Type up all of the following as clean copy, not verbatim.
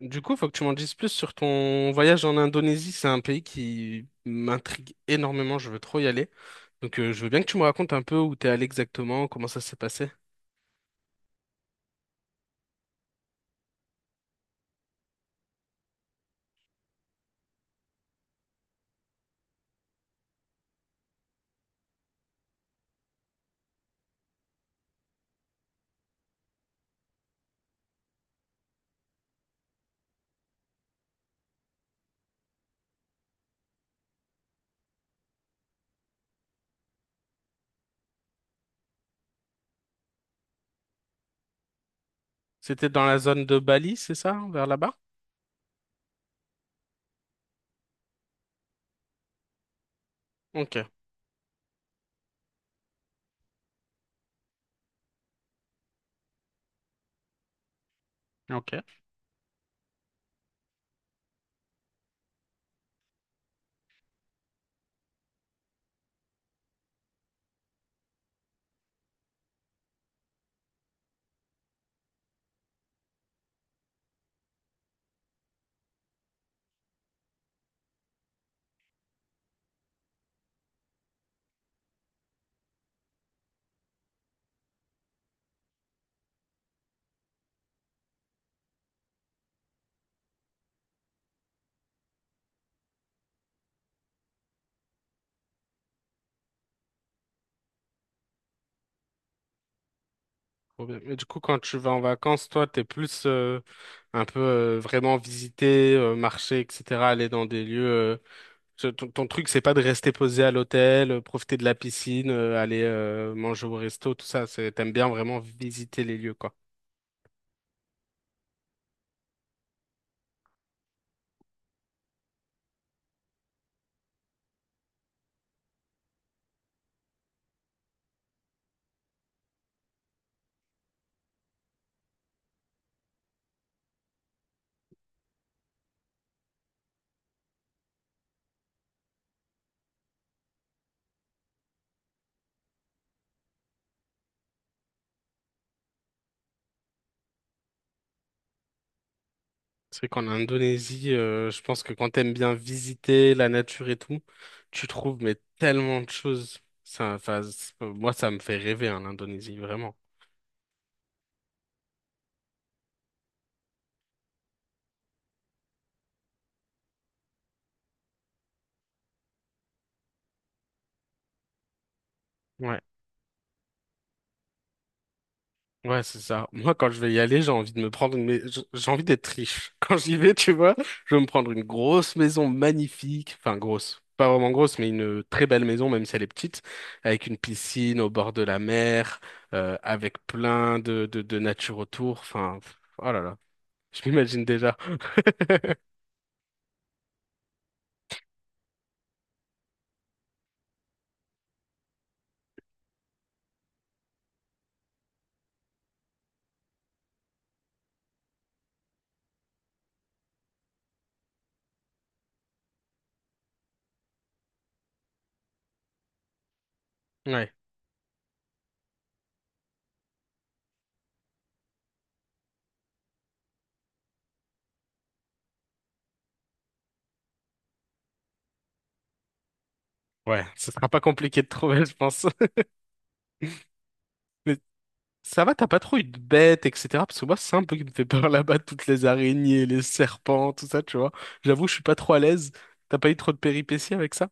Du coup, faut que tu m'en dises plus sur ton voyage en Indonésie. C'est un pays qui m'intrigue énormément. Je veux trop y aller. Donc, je veux bien que tu me racontes un peu où t'es allé exactement, comment ça s'est passé. C'était dans la zone de Bali, c'est ça, vers là-bas? Ok, ok. Trop bien. Et du coup, quand tu vas en vacances, toi, t'es plus un peu vraiment visiter, marcher, etc., aller dans des lieux. Ton truc, c'est pas de rester posé à l'hôtel, profiter de la piscine, aller manger au resto, tout ça. C'est, t'aimes bien vraiment visiter les lieux, quoi. C'est vrai qu'en Indonésie, je pense que quand t'aimes bien visiter la nature et tout, tu trouves mais tellement de choses. Ça, enfin, moi, ça me fait rêver, en Indonésie, vraiment. Ouais, ouais, c'est ça. Moi, quand je vais y aller, j'ai envie de me prendre. J'ai envie d'être riche. Quand j'y vais, tu vois, je veux me prendre une grosse maison magnifique. Enfin, grosse. Pas vraiment grosse, mais une très belle maison, même si elle est petite, avec une piscine au bord de la mer, avec plein de nature autour. Enfin, pff, oh là là, je m'imagine déjà. Ouais, ouais, ce sera pas compliqué de trouver, je pense. Ça va, t'as pas trop eu de bêtes, etc. Parce que moi, c'est un peu qui me fait peur là-bas, toutes les araignées, les serpents, tout ça, tu vois. J'avoue, je suis pas trop à l'aise. T'as pas eu trop de péripéties avec ça?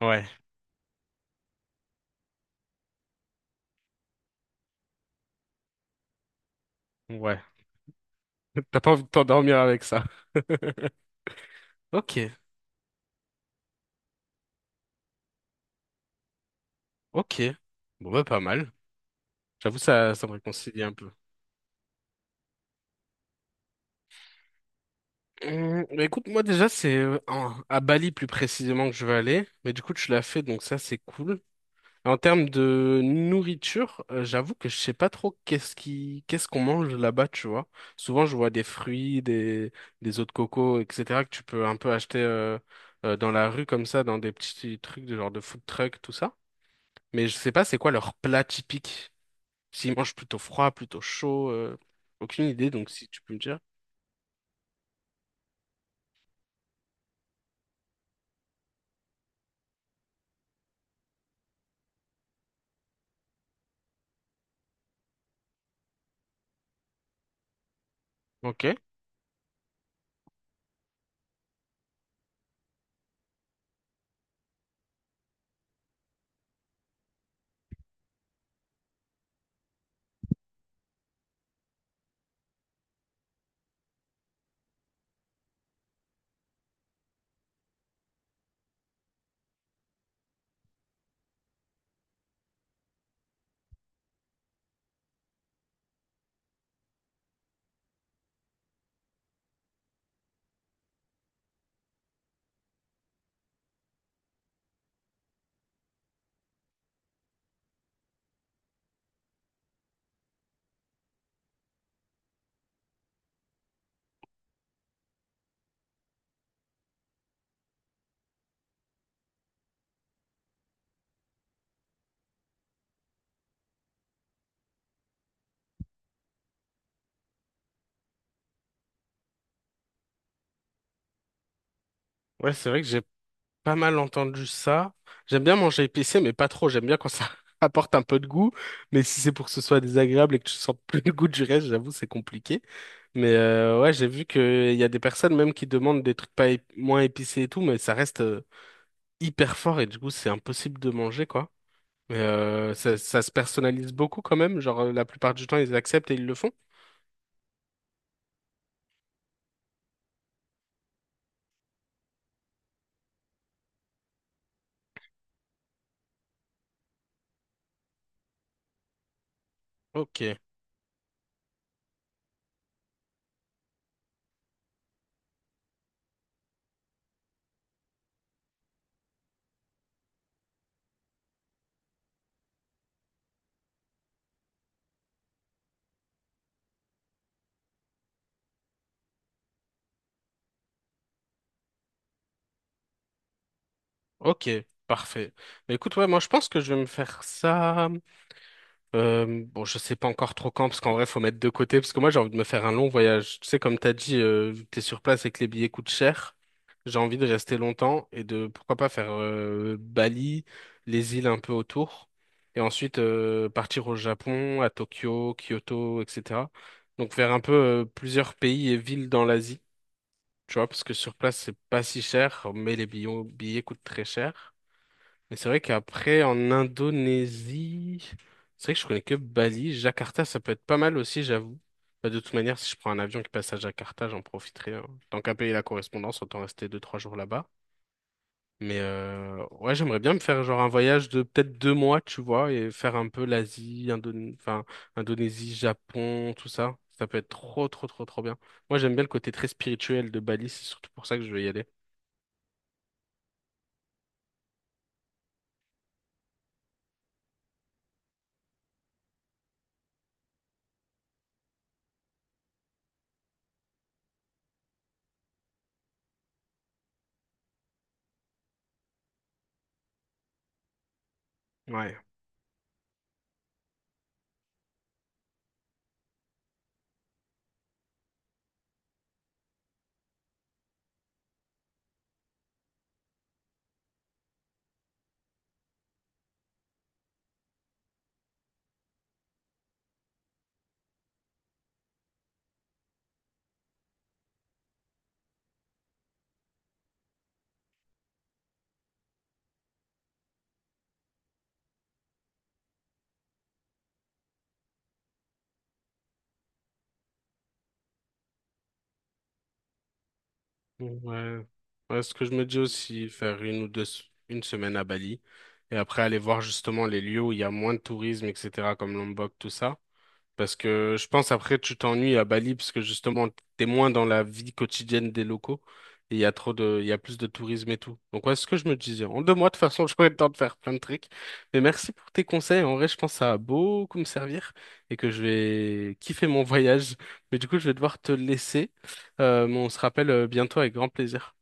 Ouais, ouais. T'as pas envie de t'endormir avec ça. Ok, ok. Bon, bah, pas mal. J'avoue, ça me réconcilie un peu. Bah, écoute, moi, déjà, c'est à Bali plus précisément que je vais aller. Mais du coup, tu l'as fait, donc ça, c'est cool. En termes de nourriture, j'avoue que je sais pas trop qu'est-ce qu'on mange là-bas, tu vois. Souvent, je vois des fruits, des eaux de coco, etc., que tu peux un peu acheter dans la rue comme ça, dans des petits trucs de genre de food truck, tout ça. Mais je sais pas c'est quoi leur plat typique. S'ils mangent plutôt froid, plutôt chaud, aucune idée. Donc si tu peux me dire. Ok. Ouais, c'est vrai que j'ai pas mal entendu ça. J'aime bien manger épicé, mais pas trop. J'aime bien quand ça apporte un peu de goût. Mais si c'est pour que ce soit désagréable et que tu sentes plus le goût du reste, j'avoue, c'est compliqué. Mais ouais, j'ai vu qu'il y a des personnes même qui demandent des trucs pas ép- moins épicés et tout, mais ça reste hyper fort et du coup, c'est impossible de manger, quoi. Mais ça, ça se personnalise beaucoup quand même. Genre, la plupart du temps, ils acceptent et ils le font. Ok, ok, parfait. Mais écoute, ouais, moi, je pense que je vais me faire ça. Bon, je sais pas encore trop quand, parce qu'en vrai, faut mettre de côté, parce que moi, j'ai envie de me faire un long voyage. Tu sais, comme t'as dit, vu que t'es sur place et que les billets coûtent cher, j'ai envie de rester longtemps et de, pourquoi pas, faire Bali, les îles un peu autour, et ensuite partir au Japon, à Tokyo, Kyoto, etc. Donc faire un peu plusieurs pays et villes dans l'Asie, tu vois, parce que sur place, c'est pas si cher, mais les billets coûtent très cher. Mais c'est vrai qu'après, en Indonésie, c'est vrai que je connais que Bali. Jakarta, ça peut être pas mal aussi, j'avoue. Bah, de toute manière, si je prends un avion qui passe à Jakarta, j'en profiterai, hein. Tant qu'à payer la correspondance, autant rester deux, trois jours là-bas. Mais ouais, j'aimerais bien me faire genre un voyage de peut-être 2 mois, tu vois, et faire un peu l'Asie, enfin, Indonésie, Japon, tout ça. Ça peut être trop, trop, trop, trop bien. Moi, j'aime bien le côté très spirituel de Bali, c'est surtout pour ça que je veux y aller. Ouais. Ouais. Ouais, ce que je me dis aussi, faire une ou deux, s- une semaine à Bali et après aller voir justement les lieux où il y a moins de tourisme, etc., comme Lombok, tout ça. Parce que je pense après tu t'ennuies à Bali parce que justement t'es moins dans la vie quotidienne des locaux et il y a plus de tourisme et tout. Donc ouais, c'est ce que je me disais. En 2 mois, de toute façon, j'aurai le temps de faire plein de trucs. Mais merci pour tes conseils. En vrai, je pense que ça va beaucoup me servir et que je vais kiffer mon voyage. Mais du coup, je vais devoir te laisser. Mais on se rappelle bientôt avec grand plaisir.